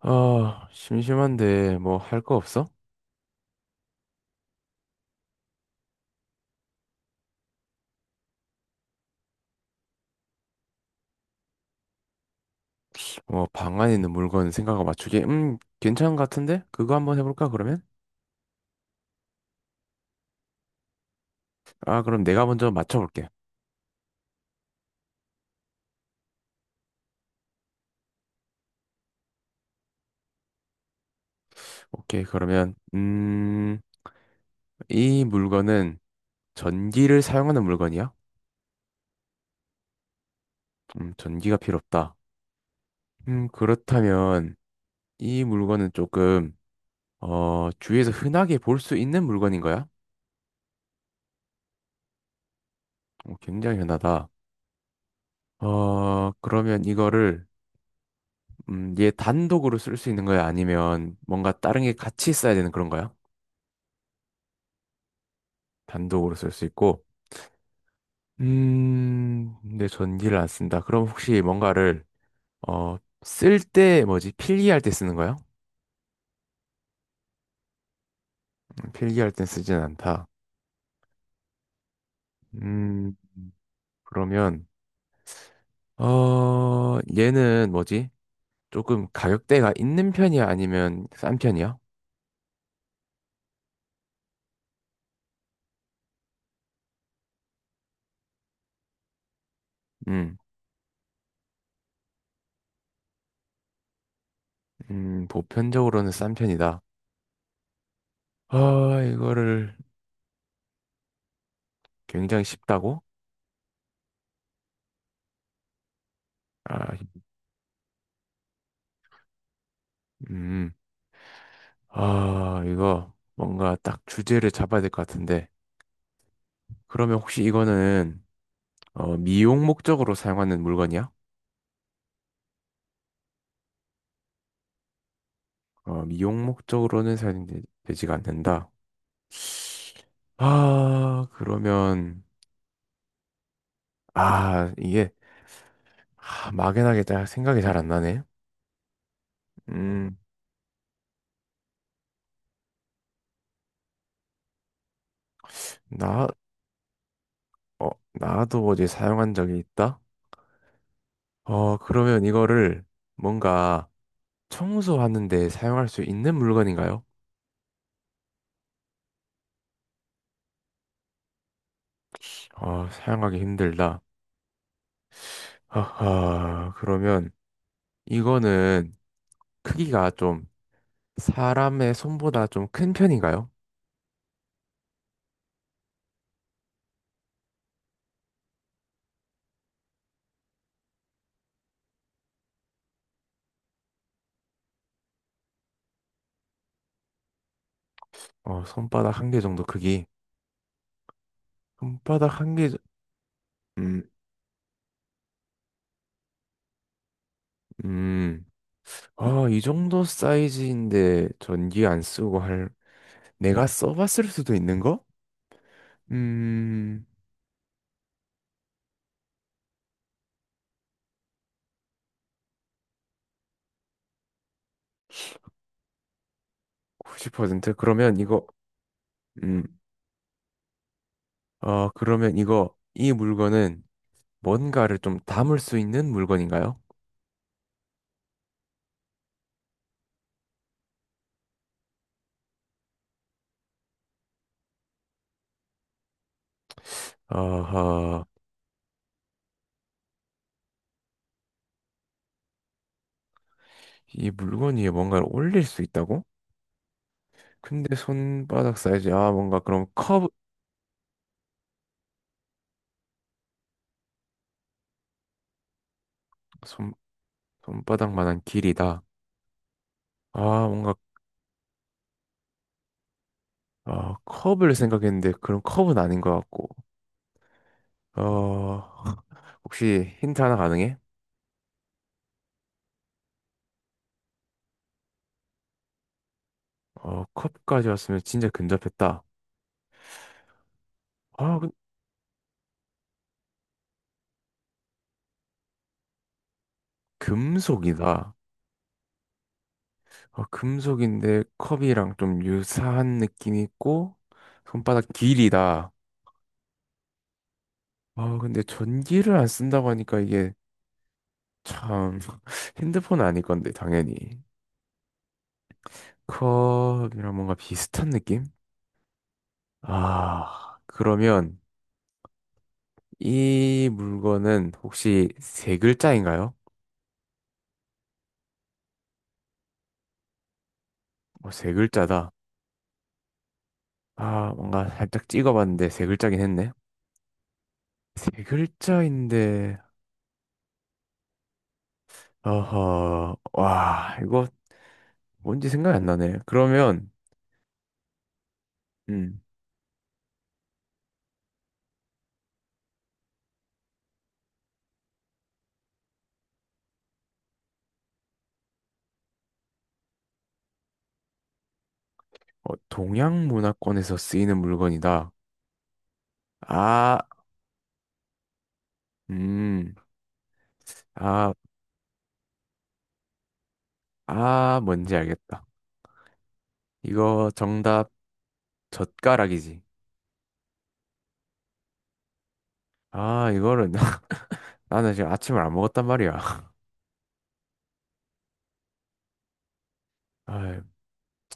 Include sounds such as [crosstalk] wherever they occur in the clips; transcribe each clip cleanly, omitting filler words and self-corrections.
아, 심심한데 뭐 할 거 없어? 뭐 방 안에 있는 물건 생각하고 맞추기. 괜찮은 것 같은데? 그거 한번 해볼까 그러면? 아, 그럼 내가 먼저 맞춰볼게. 오케이, 그러면 이 물건은 전기를 사용하는 물건이야? 전기가 필요 없다. 그렇다면 이 물건은 조금 주위에서 흔하게 볼 수 있는 물건인 거야? 어, 굉장히 흔하다. 어, 그러면 이거를 얘 단독으로 쓸 수 있는 거야? 아니면 뭔가 다른 게 같이 써야 되는 그런 거야? 단독으로 쓸 수 있고. 근데 전기를 안 쓴다. 그럼 혹시 뭔가를, 어, 쓸 때, 뭐지? 필기할 때 쓰는 거야? 필기할 땐 쓰진 않다. 음, 그러면, 얘는 뭐지? 조금 가격대가 있는 편이야? 아니면 싼 편이야? 음, 보편적으로는 싼 편이다. 아, 이거를 굉장히 쉽다고? 아, 음. 아, 이거 뭔가 딱 주제를 잡아야 될 것 같은데. 그러면 혹시 이거는 미용 목적으로 사용하는 물건이야? 어, 미용 목적으로는 사용되지가 않는다. 아, 그러면 아, 이게 아, 막연하게 딱 생각이 잘 안 나네. 음, 나, 어, 나도 어제 사용한 적이 있다. 어, 그러면 이거를 뭔가 청소하는데 사용할 수 있는 물건인가요? 어, 사용하기 힘들다. 하하, 그러면 이거는 크기가 좀 사람의 손보다 좀 큰 편인가요? 어, 손바닥 한 개 정도 크기. 손바닥 한 개, 저- 음, 음. 아, 이 정도 사이즈인데 전기 안 쓰고 할, 내가 써봤을 수도 있는 거? 음, 90%? 그러면 이거, 음, 이 물건은 뭔가를 좀 담을 수 있는 물건인가요? 어허, 이 물건 위에 뭔가를 올릴 수 있다고? 근데 손바닥 사이즈 아 뭔가 그럼 컵 손, 손바닥만한 길이다 아 뭔가 아 컵을 생각했는데 그럼 컵은 아닌 것 같고 어 [laughs] 혹시 힌트 하나 가능해? 어 컵까지 왔으면 진짜 근접했다 아 그- 금속이다 어, 금속인데 컵이랑 좀 유사한 느낌이 있고 손바닥 길이다 아 근데 전기를 안 쓴다고 하니까 이게 참 [laughs] 핸드폰 아닐 건데 당연히 컵이랑 뭔가 비슷한 느낌? 아, 그러면 이 물건은 혹시 세 글자인가요? 어, 세 글자다. 아, 뭔가 살짝 찍어봤는데 세 글자긴 했네. 세 글자인데, 어허, 와, 이거 뭔지 생각이 안 나네. 그러면, 음, 어, 동양 문화권에서 쓰이는 물건이다. 아, 음, 아, 아, 뭔지 알겠다. 이거 정답 젓가락이지. 아, 이거를 [laughs] 나는 지금 아침을 안 먹었단 말이야. [laughs] 아,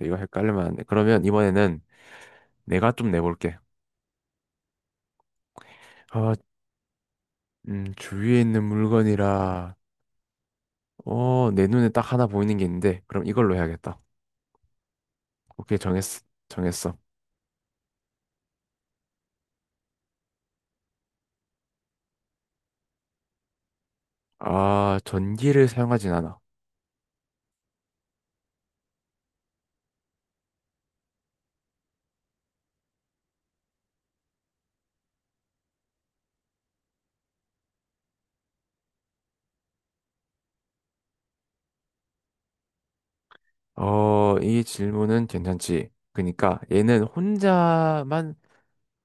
이거 헷갈리면 안 돼. 그러면 이번에는 내가 좀 내볼게. 아, 주위에 있는 물건이라, 어, 내 눈에 딱 하나 보이는 게 있는데, 그럼 이걸로 해야겠다. 오케이, 정했어. 정했어. 아, 전기를 사용하진 않아. 어, 이 질문은 괜찮지. 그러니까 얘는 혼자만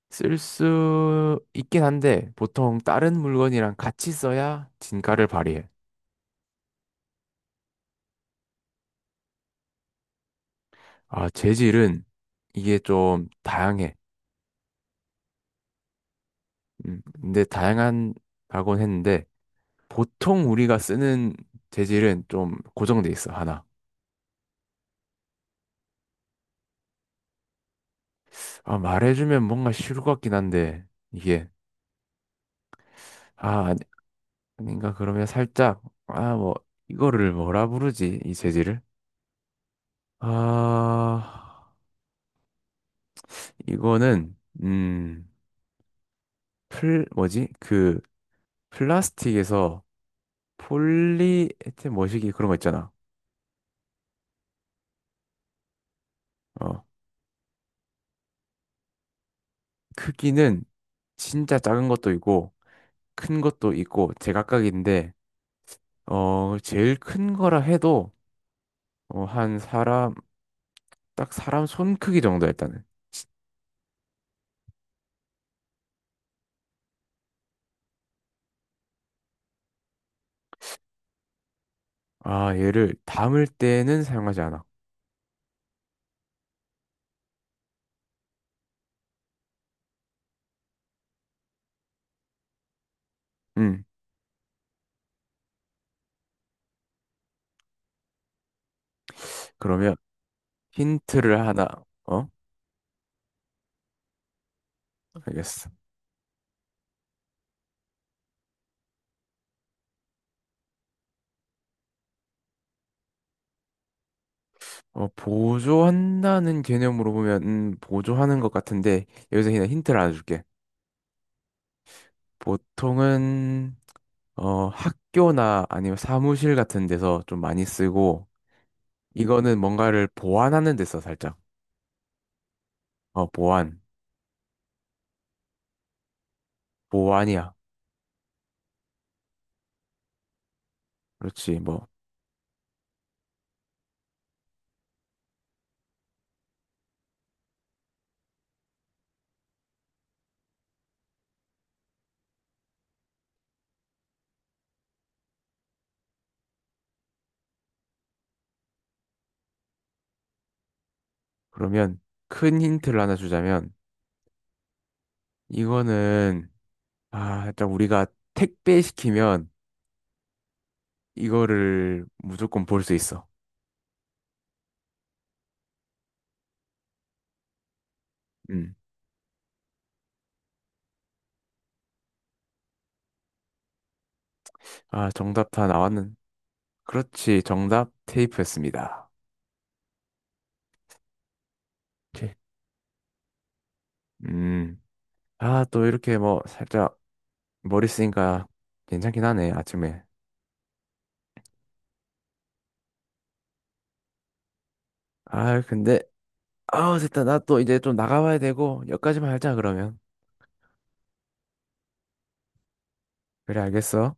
쓸 수 있긴 한데, 보통 다른 물건이랑 같이 써야 진가를 발휘해. 아, 재질은 이게 좀 다양해. 근데 다양한 발권 했는데 보통 우리가 쓰는 재질은 좀 고정돼 있어 하나. 아 말해주면 뭔가 쉬울 것 같긴 한데 이게 아 아니- 아닌가 그러면 살짝 아 뭐 이거를 뭐라 부르지 이 재질을? 아 이거는 음플 뭐지 그 플라스틱에서 폴리에틸 뭐시기 그런 거 있잖아. 어 크기는 진짜 작은 것도 있고 큰 것도 있고 제각각인데. 어, 제일 큰 거라 해도 어, 한 사람 딱 사람 손 크기 정도 일단은. 아, 얘를 담을 때는 사용하지 않아. 음. 그러면 힌트를 하나. 어? 알겠어. 어, 보조한다는 개념으로 보면 보조하는 것 같은데 여기서 그냥 힌트를 하나 줄게. 보통은 학교나 아니면 사무실 같은 데서 좀 많이 쓰고 이거는 뭔가를 보완하는 데 써, 살짝. 어, 보완. 보완이야. 그렇지. 뭐, 그러면 큰 힌트를 하나 주자면 이거는 아, 일단 우리가 택배 시키면 이거를 무조건 볼 수 있어. 음. 아, 정답 다 나왔는. 그렇지. 정답 테이프였습니다. 오케이. 음. 아, 또 이렇게 뭐 살짝 머리 쓰니까 괜찮긴 하네, 아침에. 아, 근데 아, 됐다. 나 또 이제 좀 나가봐야 되고 여기까지만 하자 그러면. 그래, 알겠어.